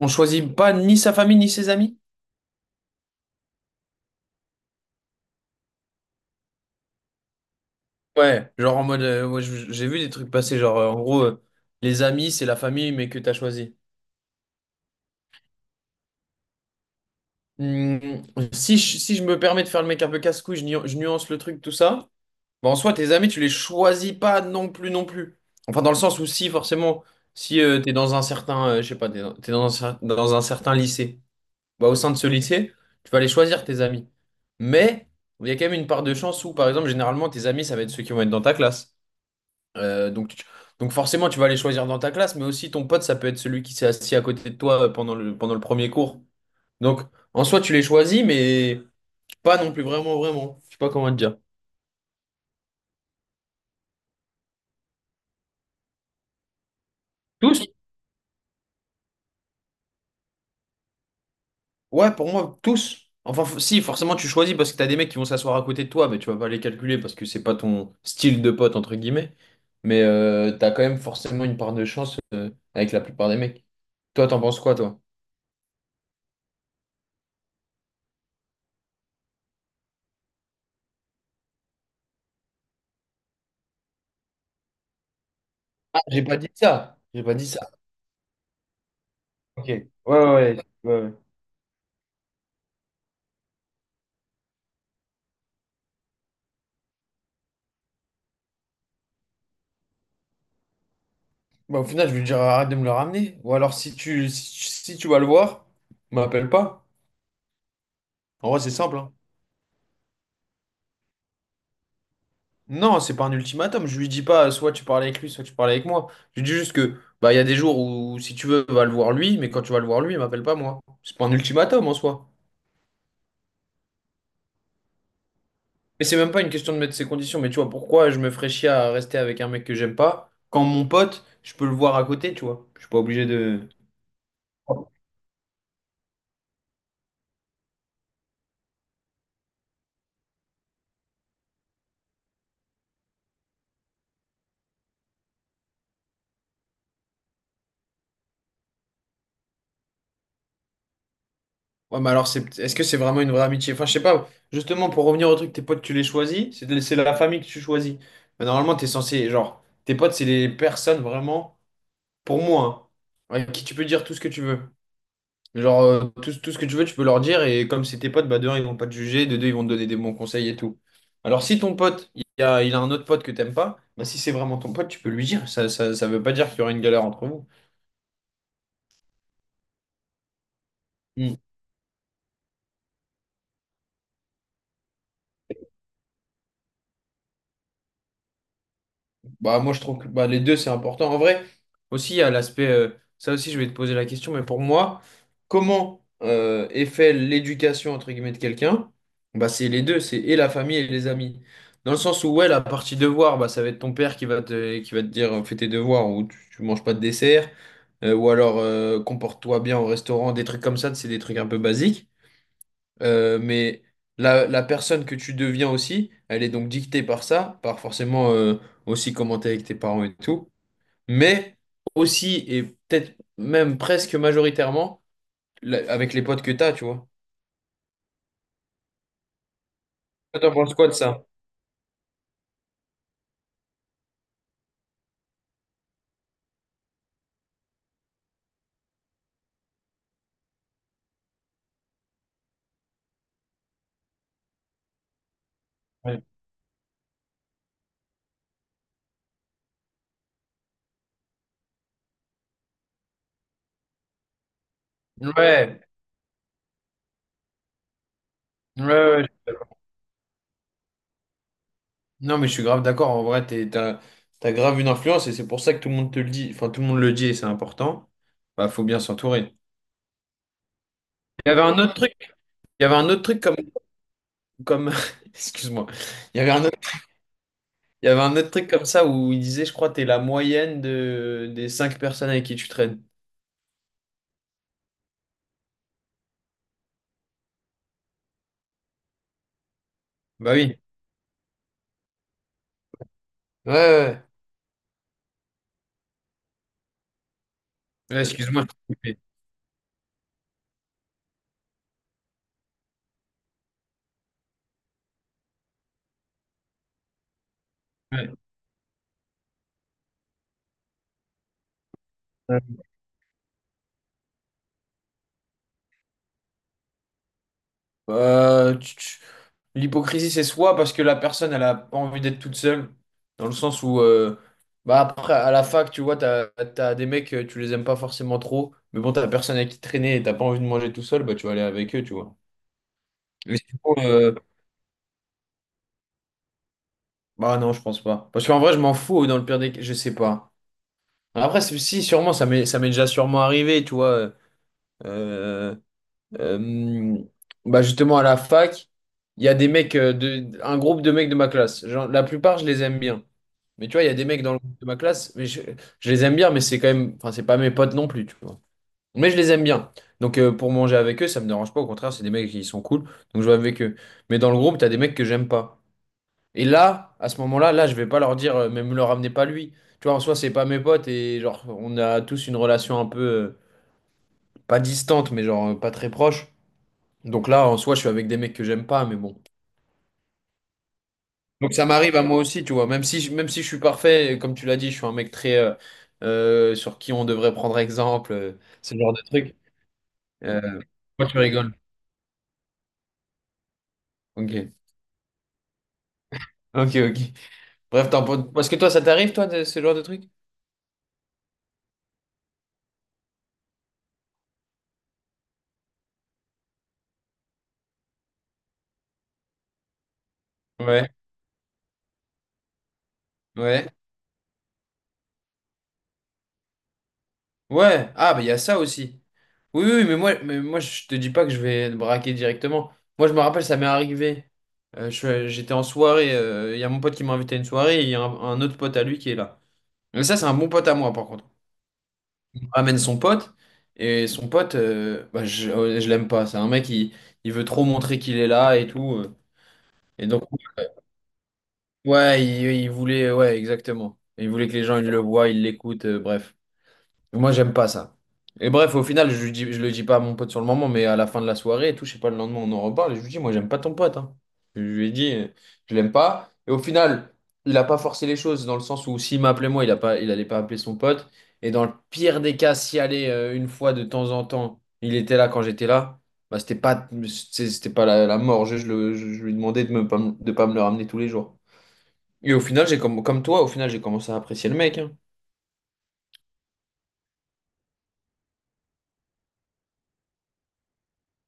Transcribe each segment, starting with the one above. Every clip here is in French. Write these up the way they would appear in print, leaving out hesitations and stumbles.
On choisit pas ni sa famille ni ses amis? Ouais, genre en mode, moi, j'ai vu des trucs passer, genre en gros, les amis, c'est la famille, mais que t'as choisi. Hmm, si je me permets de faire le mec un peu casse-couille, je nuance le truc, tout ça. Bah, en soi, tes amis, tu les choisis pas non plus, non plus. Enfin, dans le sens où si, forcément, si t'es dans un certain, je sais pas, t'es dans un, cer- dans un certain lycée, bah, au sein de ce lycée, tu vas aller choisir tes amis. Mais il y a quand même une part de chance où, par exemple, généralement, tes amis, ça va être ceux qui vont être dans ta classe. Euh, donc, tu- donc, forcément, tu vas les choisir dans ta classe, mais aussi ton pote, ça peut être celui qui s'est assis à côté de toi pendant le premier cours. Donc, en soi, tu les choisis, mais pas non plus vraiment, vraiment. Je sais pas comment te dire. Tous? Ouais, pour moi, tous. Enfin, si, forcément, tu choisis parce que t'as des mecs qui vont s'asseoir à côté de toi, mais tu vas pas les calculer parce que c'est pas ton style de pote, entre guillemets. Mais t'as quand même forcément une part de chance avec la plupart des mecs. Toi, t'en penses quoi, toi? Ah, j'ai pas dit ça. J'ai pas dit ça. Ok. Ouais, ouais, ouais. Ouais, ouais. Bah, au final, je vais lui dire arrête de me le ramener. Ou alors, si tu vas le voir, m'appelle pas. En vrai, c'est simple. Hein. Non, c'est pas un ultimatum. Je lui dis pas soit tu parles avec lui, soit tu parles avec moi. Je lui dis juste que bah, il y a des jours où, si tu veux, va le voir lui, mais quand tu vas le voir lui, il m'appelle pas moi. C'est pas un ultimatum en soi. Et c'est même pas une question de mettre ses conditions, mais tu vois, pourquoi je me ferais chier à rester avec un mec que j'aime pas quand mon pote, je peux le voir à côté, tu vois. Je suis pas obligé de. Ouais, mais alors, c'est, est-ce que c'est vraiment une vraie amitié? Enfin, je sais pas. Justement, pour revenir au truc, tes potes, tu les choisis. C'est la famille que tu choisis. Mais normalement, t'es censé, genre, tes potes, c'est les personnes vraiment, pour moi, hein, avec qui tu peux dire tout ce que tu veux. Genre, tout ce que tu veux, tu peux leur dire. Et comme c'est tes potes, bah, de un, ils vont pas te juger. De deux, ils vont te donner des bons conseils et tout. Alors, si ton pote, il a un autre pote que t'aimes pas, bah, si c'est vraiment ton pote, tu peux lui dire. Ça veut pas dire qu'il y aura une galère entre vous. Bah, moi, je trouve que bah, les deux, c'est important. En vrai, aussi, il y a l'aspect, ça aussi, je vais te poser la question, mais pour moi, comment est fait l'éducation, entre guillemets, de quelqu'un? Bah, c'est les deux, c'est et la famille et les amis. Dans le sens où, ouais, la partie devoir, bah, ça va être ton père qui va te, dire, fais tes devoirs, ou tu manges pas de dessert, ou alors, comporte-toi bien au restaurant, des trucs comme ça, c'est des trucs un peu basiques. Mais la personne que tu deviens aussi, elle est donc dictée par ça, par forcément aussi comment t'es avec tes parents et tout, mais aussi et peut-être même presque majoritairement avec les potes que t'as, tu vois. Toi, t'en penses quoi de ça? Ouais. Ouais, ouais, ouais. Non, mais je suis grave d'accord. En vrai, t'as grave une influence et c'est pour ça que tout le monde te le dit. Enfin, tout le monde le dit et c'est important. Bah, faut bien s'entourer. Il y avait un autre truc. Il y avait un autre truc comme, excuse-moi. Il y avait un Il y avait un autre truc comme ça où il disait, je crois, t'es la moyenne des cinq personnes avec qui tu traînes. Bah oui. Ouais, ouais. Ouais, excuse-moi, je t'ai coupé. Ouais. Euh, tu- tu- L'hypocrisie, c'est soit parce que la personne, elle a pas envie d'être toute seule, dans le sens où, bah après, à la fac, tu vois, t'as des mecs, tu les aimes pas forcément trop, mais bon, t'as personne avec qui traîner et t'as pas envie de manger tout seul, bah tu vas aller avec eux, tu vois. Mais sinon, bah non, je pense pas. Parce qu'en vrai, je m'en fous, dans le pire des cas, je sais pas. Après, si, sûrement, ça m'est déjà sûrement arrivé, tu vois. Euh, euh, mm, Bah justement, à la fac, il y a des mecs, un groupe de mecs de ma classe. Genre, la plupart, je les aime bien. Mais tu vois, il y a des mecs dans le groupe de ma classe, mais je les aime bien, mais c'est quand même, enfin, c'est pas mes potes non plus, tu vois. Mais je les aime bien. Donc, pour manger avec eux, ça me dérange pas. Au contraire, c'est des mecs qui sont cool, donc je vais avec eux. Mais dans le groupe, t'as des mecs que j'aime pas. Et là, à ce moment-là, là, je vais pas leur dire, mais me le ramenez pas lui. Tu vois, en soi, c'est pas mes potes et genre, on a tous une relation un peu, pas distante, mais genre, pas très proche. Donc là, en soi, je suis avec des mecs que j'aime pas, mais bon. Donc ça m'arrive à moi aussi, tu vois. Même si, même si je suis parfait, comme tu l'as dit, je suis un mec très, sur qui on devrait prendre exemple, ce genre de truc. Euh, Pourquoi tu rigoles? Ok. Ok, ok. Bref, parce que toi, ça t'arrive, toi, de ce genre de truc? Ouais. Ouais. Ouais, ah bah il y a ça aussi. Oui, oui, mais moi je te dis pas que je vais te braquer directement. Moi je me rappelle, ça m'est arrivé. J'étais en soirée, il y a mon pote qui m'a invité à une soirée, et il y a un autre pote à lui qui est là. Mais ça c'est un bon pote à moi par contre. On ramène son pote, et son pote, bah, je l'aime pas. C'est un mec il veut trop montrer qu'il est là et tout. Et donc, ouais, il voulait, ouais, exactement. Il voulait que les gens ils le voient, ils l'écoutent, bref. Moi, j'aime pas ça. Et bref, au final, je lui dis, je le dis pas à mon pote sur le moment, mais à la fin de la soirée et tout, je sais pas, le lendemain, on en reparle. Et je lui dis, moi, j'aime pas ton pote. Hein. Je lui ai dit, je l'aime pas. Et au final, il a pas forcé les choses dans le sens où s'il m'appelait moi, il a pas, il allait pas appeler son pote. Et dans le pire des cas, s'il allait une fois de temps en temps, il était là quand j'étais là, bah, c'était pas la mort. Je lui demandais de pas me le ramener tous les jours. Et au final, j'ai comme toi, au final, j'ai commencé à apprécier le mec. Hein.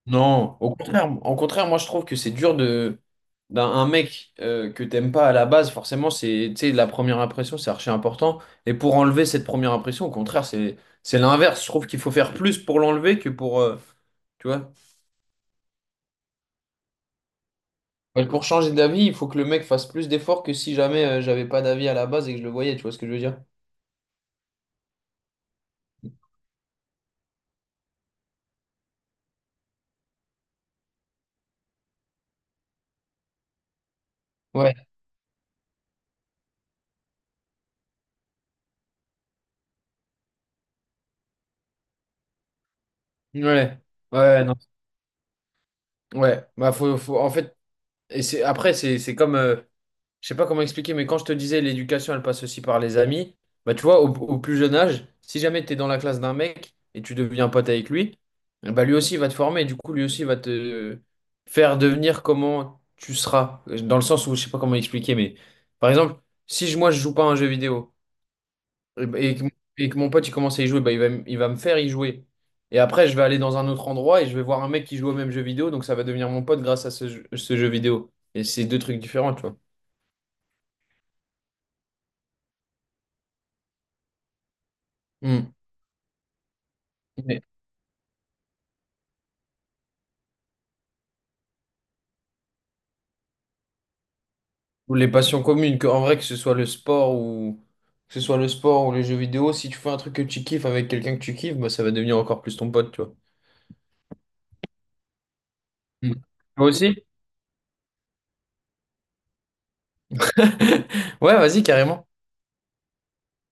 Non, au contraire, moi je trouve que c'est dur de d'un un mec que t'aimes pas à la base, forcément, c'est tu sais, la première impression, c'est archi important. Et pour enlever cette première impression, au contraire, c'est l'inverse. Je trouve qu'il faut faire plus pour l'enlever que pour tu vois. Ouais, pour changer d'avis, il faut que le mec fasse plus d'efforts que si jamais j'avais pas d'avis à la base et que je le voyais, tu vois ce que je veux dire? Ouais, ouais, ouais, non. Ouais, bah en fait, et c'est après c'est comme je sais pas comment expliquer, mais quand je te disais l'éducation, elle passe aussi par les amis, bah tu vois, au plus jeune âge, si jamais tu es dans la classe d'un mec et tu deviens pote avec lui, bah lui aussi va te former, du coup lui aussi va te faire devenir comment tu seras, dans le sens où je sais pas comment expliquer, mais par exemple, si je- moi je joue pas à un jeu vidéo et, bah- et que, et que mon pote il commence à y jouer, bah il va me faire y jouer. Et après, je vais aller dans un autre endroit et je vais voir un mec qui joue au même jeu vidéo, donc ça va devenir mon pote grâce à ce jeu vidéo. Et c'est deux trucs différents, tu vois. Hmm. Ou les passions communes, que, en vrai, que ce soit le sport ou les jeux vidéo, si tu fais un truc que tu kiffes avec quelqu'un que tu kiffes, bah, ça va devenir encore plus ton pote, tu vois. Mm. Toi aussi? Ouais, vas-y, carrément.